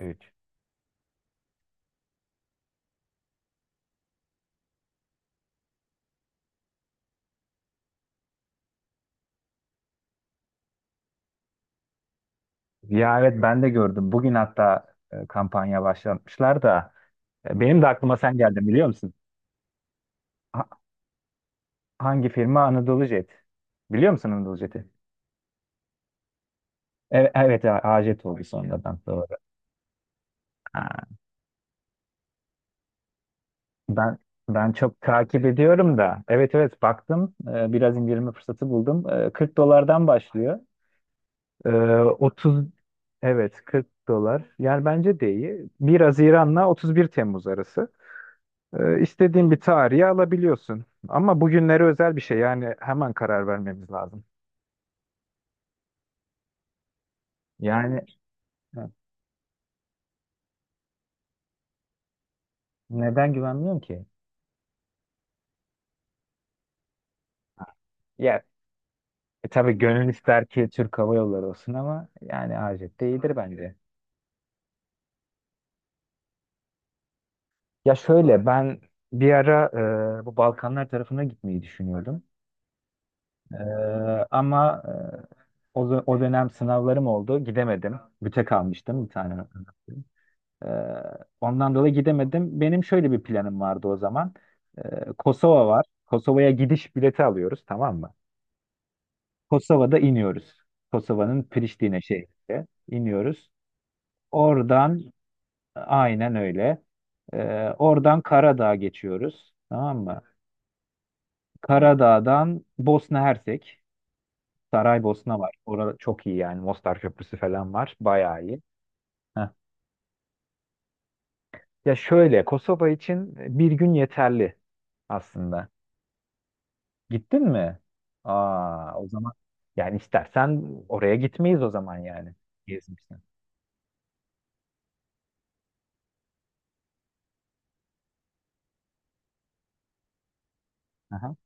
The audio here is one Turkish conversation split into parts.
3. Ya, evet, ben de gördüm. Bugün hatta kampanya başlatmışlar da benim de aklıma sen geldin biliyor musun? Ha- hangi firma? Anadolu Jet. Biliyor musun Anadolu Jet'i? Evet, evet, AJet oldu sonradan, doğru. Ha, Ben ben çok takip ediyorum da. Evet, evet, baktım. Biraz indirme fırsatı buldum. 40 dolardan başlıyor. E, 30 evet 40 dolar. Yani bence de iyi. 1 Haziran'la 31 Temmuz arası. İstediğin bir tarihi alabiliyorsun. Ama bugünlere özel bir şey. Yani hemen karar vermemiz lazım. Yani evet, neden güvenmiyorum ki? Ya, tabii gönül ister ki Türk Hava Yolları olsun ama yani Hacet de iyidir bence. Ya şöyle, ben bir ara bu Balkanlar tarafına gitmeyi düşünüyordum. E, ama o dönem sınavlarım oldu. Gidemedim. Büte kalmıştım bir tane. Ee, Ondan dolayı gidemedim. Benim şöyle bir planım vardı o zaman. Kosova var. Kosova'ya gidiş bileti alıyoruz, tamam mı? Kosova'da iniyoruz. Kosova'nın Priştine şehrinde iniyoruz. Oradan aynen öyle. Oradan Karadağ geçiyoruz. Tamam mı? Karadağ'dan Bosna Hersek. Saraybosna var. Orada çok iyi yani. Mostar Köprüsü falan var. Bayağı iyi. Heh. Ya şöyle, Kosova için bir gün yeterli aslında. Gittin mi? Aa, o zaman yani istersen oraya gitmeyiz o zaman yani. Gezmişsin. Aha.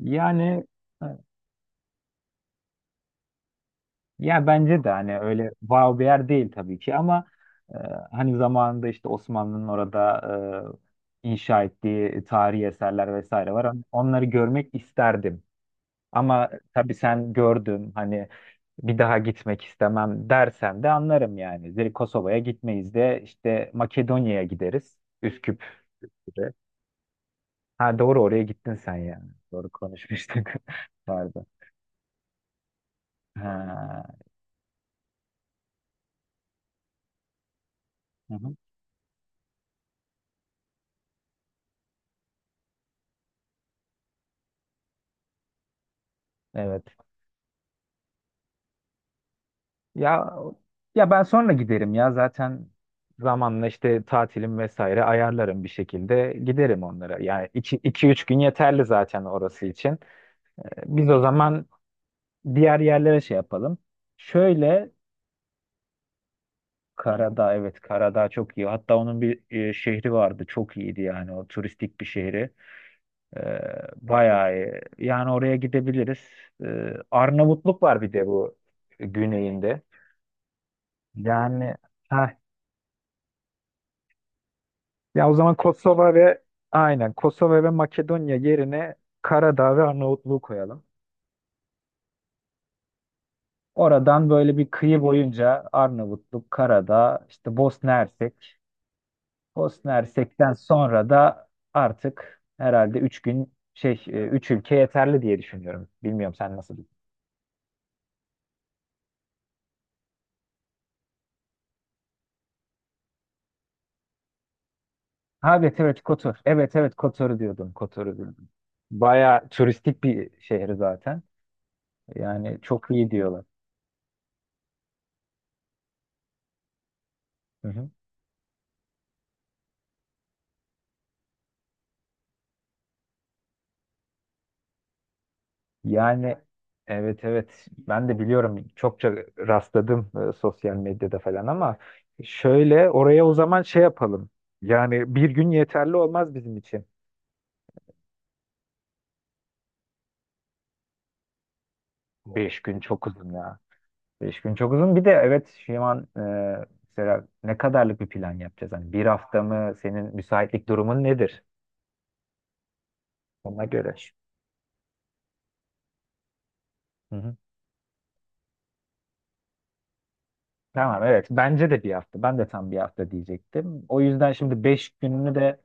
Yani e, ya bence de hani öyle wow bir yer değil tabii ki ama e, hani zamanında işte Osmanlı'nın orada inşa ettiği tarihi eserler vesaire var. Hani onları görmek isterdim. Ama tabii sen gördün, hani bir daha gitmek istemem dersen de anlarım yani. Direkt Kosova'ya gitmeyiz de işte Makedonya'ya gideriz. Üsküp. Ha, doğru, oraya gittin sen ya. Doğru konuşmuştuk. Pardon. Ha. Hı hı. Evet. Ya ya, ben sonra giderim ya zaten zamanla işte tatilim vesaire ayarlarım bir şekilde giderim onlara. Yani iki üç gün yeterli zaten orası için. Biz o zaman diğer yerlere şey yapalım. Şöyle, Karadağ, evet, Karadağ çok iyi. Hatta onun bir şehri vardı çok iyiydi yani, o turistik bir şehri. Ee, Bayağı iyi. Yani oraya gidebiliriz. Arnavutluk var bir de bu güneyinde. Yani, ha, ya o zaman Kosova ve, aynen, Kosova ve Makedonya yerine Karadağ ve Arnavutluğu koyalım. Oradan böyle bir kıyı boyunca Arnavutluk, Karadağ, işte Bosna Hersek. Bosna Hersek'ten sonra da artık herhalde 3 gün şey 3 ülke yeterli diye düşünüyorum. Bilmiyorum sen nasıl. Ha, evet, evet, Kotor. Evet, evet, Kotor'u diyordum. Kotor'u diyordum. Baya turistik bir şehir zaten. Yani çok iyi diyorlar. Hı hı. Yani evet, evet, ben de biliyorum, çokça rastladım sosyal medyada falan ama şöyle, oraya o zaman şey yapalım. Yani bir gün yeterli olmaz bizim için. 5 gün çok uzun ya. 5 gün çok uzun. Bir de evet, şu an mesela ne kadarlık bir plan yapacağız? Hani bir hafta mı? Senin müsaitlik durumun nedir? Ona göre. Hı hı. Tamam, evet, bence de bir hafta, ben de tam bir hafta diyecektim. O yüzden şimdi beş gününü de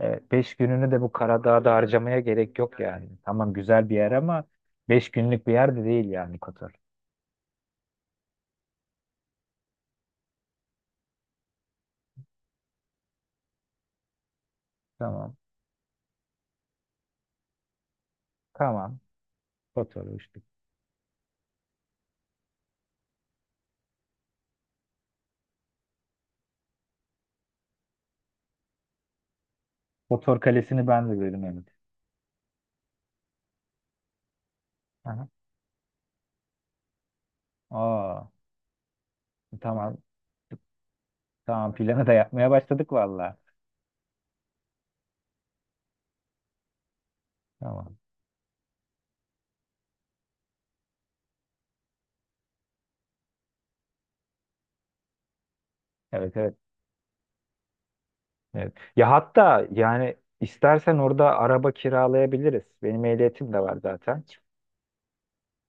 e, beş gününü de bu Karadağ'da harcamaya gerek yok yani. Tamam, güzel bir yer ama 5 günlük bir yer de değil yani Kotor. Tamam, tamam, Kotor işte. Kotor Kalesi'ni ben de gördüm, evet. Aha. Aa, tamam, tamam, planı da yapmaya başladık valla. Tamam, evet, evet. Evet. Ya hatta yani istersen orada araba kiralayabiliriz. Benim ehliyetim de var zaten.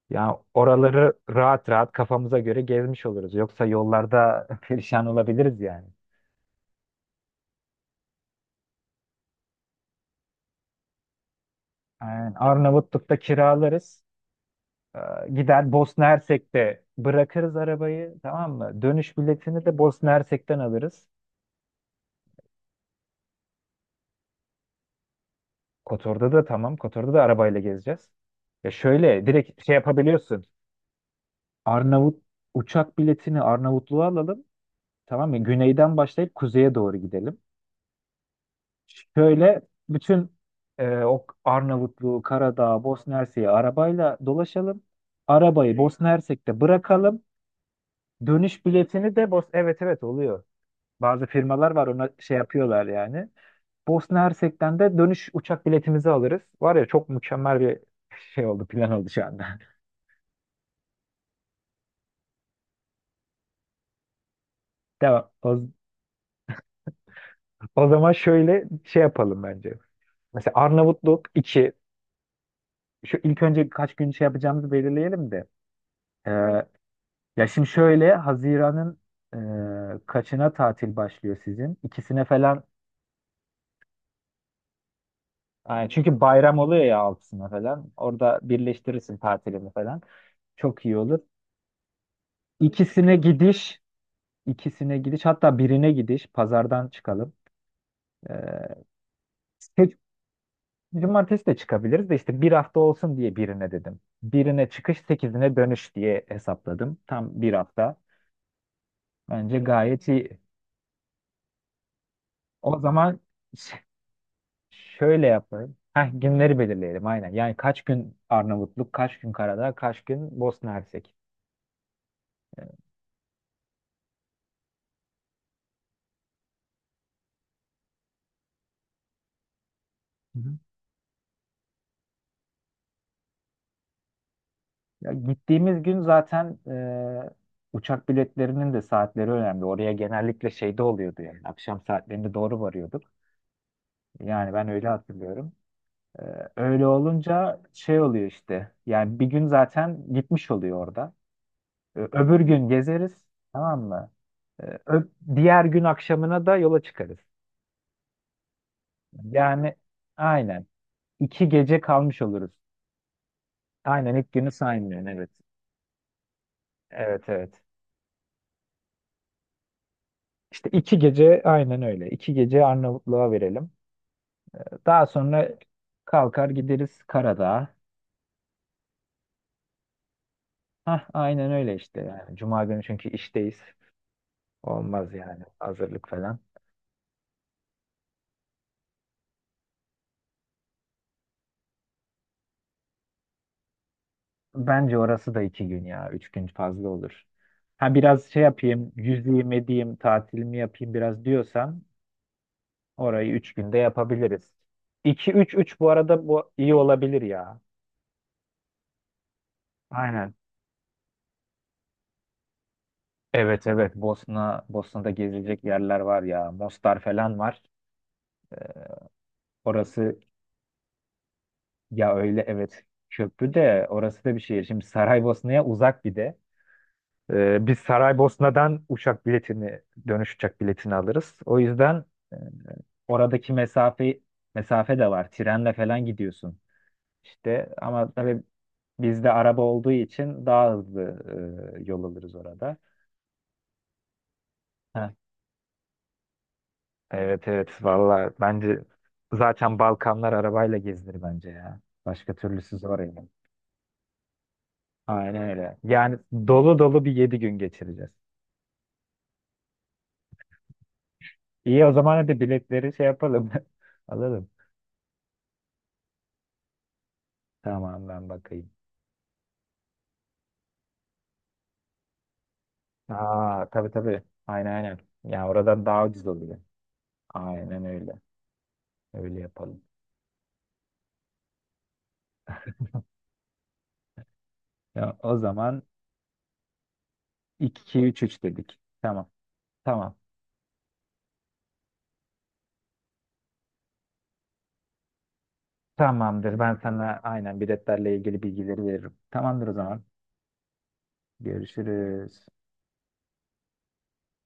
Ya oraları rahat rahat kafamıza göre gezmiş oluruz. Yoksa yollarda perişan olabiliriz yani. Aynen. Arnavutluk'ta kiralarız. Gider Bosna Hersek'te bırakırız arabayı, tamam mı? Dönüş biletini de Bosna Hersek'ten alırız. Kotor'da da tamam. Kotor'da da arabayla gezeceğiz. Ya şöyle direkt şey yapabiliyorsun. Arnavut Uçak biletini Arnavutluğa alalım. Tamam mı? Güneyden başlayıp kuzeye doğru gidelim. Şöyle bütün o Arnavutluğu, Karadağ, Bosna Hersek'i arabayla dolaşalım. Arabayı Bosna Hersek'te bırakalım. Dönüş biletini de evet, evet, oluyor. Bazı firmalar var, ona şey yapıyorlar yani. Bosna Hersek'ten de dönüş uçak biletimizi alırız. Var ya, çok mükemmel bir şey oldu, plan oldu şu anda. Devam. O zaman şöyle şey yapalım bence. Mesela Arnavutluk 2. Şu ilk önce kaç gün şey yapacağımızı belirleyelim de. Ya şimdi şöyle, Haziran'ın kaçına tatil başlıyor sizin? İkisine falan. Yani çünkü bayram oluyor ya altısına falan. Orada birleştirirsin tatilini falan. Çok iyi olur. İkisine gidiş, ikisine gidiş, hatta birine gidiş. Pazardan çıkalım. E, seç- Cumartesi de çıkabiliriz de işte bir hafta olsun diye birine dedim. Birine çıkış, sekizine dönüş diye hesapladım. Tam bir hafta. Bence gayet iyi. O zaman şöyle yapalım. Heh, günleri belirleyelim aynen. Yani kaç gün Arnavutluk, kaç gün Karadağ, kaç gün Bosna Hersek. Hı hı. Ya gittiğimiz gün zaten uçak biletlerinin de saatleri önemli. Oraya genellikle şeyde oluyordu yani. Akşam saatlerinde doğru varıyorduk. Yani ben öyle hatırlıyorum. E, Öyle olunca şey oluyor işte. Yani bir gün zaten gitmiş oluyor orada. Öbür gün gezeriz. Tamam mı? E, ö- Diğer gün akşamına da yola çıkarız. Yani aynen. 2 gece kalmış oluruz. Aynen ilk günü saymıyorsun, evet. Evet, evet. İşte 2 gece aynen öyle. 2 gece Arnavutluğa verelim. Daha sonra kalkar gideriz Karadağ'a. Hah, aynen öyle işte yani. Cuma günü çünkü işteyiz. Olmaz yani hazırlık falan. Bence orası da 2 gün ya. 3 gün fazla olur. Ha biraz şey yapayım, yüzeyim edeyim, tatilimi yapayım biraz diyorsan orayı 3 günde yapabiliriz. İki, üç, üç, bu arada bu iyi olabilir ya. Aynen. Evet, evet, Bosna'da gezilecek yerler var ya. Mostar falan var. Orası, ya öyle, evet, köprü de, orası da bir şehir. Şimdi Saraybosna'ya uzak bir de. Biz Saraybosna'dan uçak biletini dönüş uçak biletini alırız. O yüzden e, oradaki mesafe de var. Trenle falan gidiyorsun. İşte ama tabii bizde araba olduğu için daha hızlı yol alırız orada. Evet, evet, valla bence zaten Balkanlar arabayla gezilir bence ya. Başka türlüsü zor yani. Aynen öyle. Yani dolu dolu bir 7 gün geçireceğiz. İyi, o zaman hadi biletleri şey yapalım. Alalım. Tamam, ben bakayım. Aa, tabii, tabii. Aynen, aynen. Ya oradan daha ucuz oluyor. Aynen öyle. Öyle yapalım. Ya, o zaman iki üç üç dedik. Tamam. Tamam. Tamamdır. Ben sana aynen biletlerle ilgili bilgileri veririm. Tamamdır o zaman. Görüşürüz.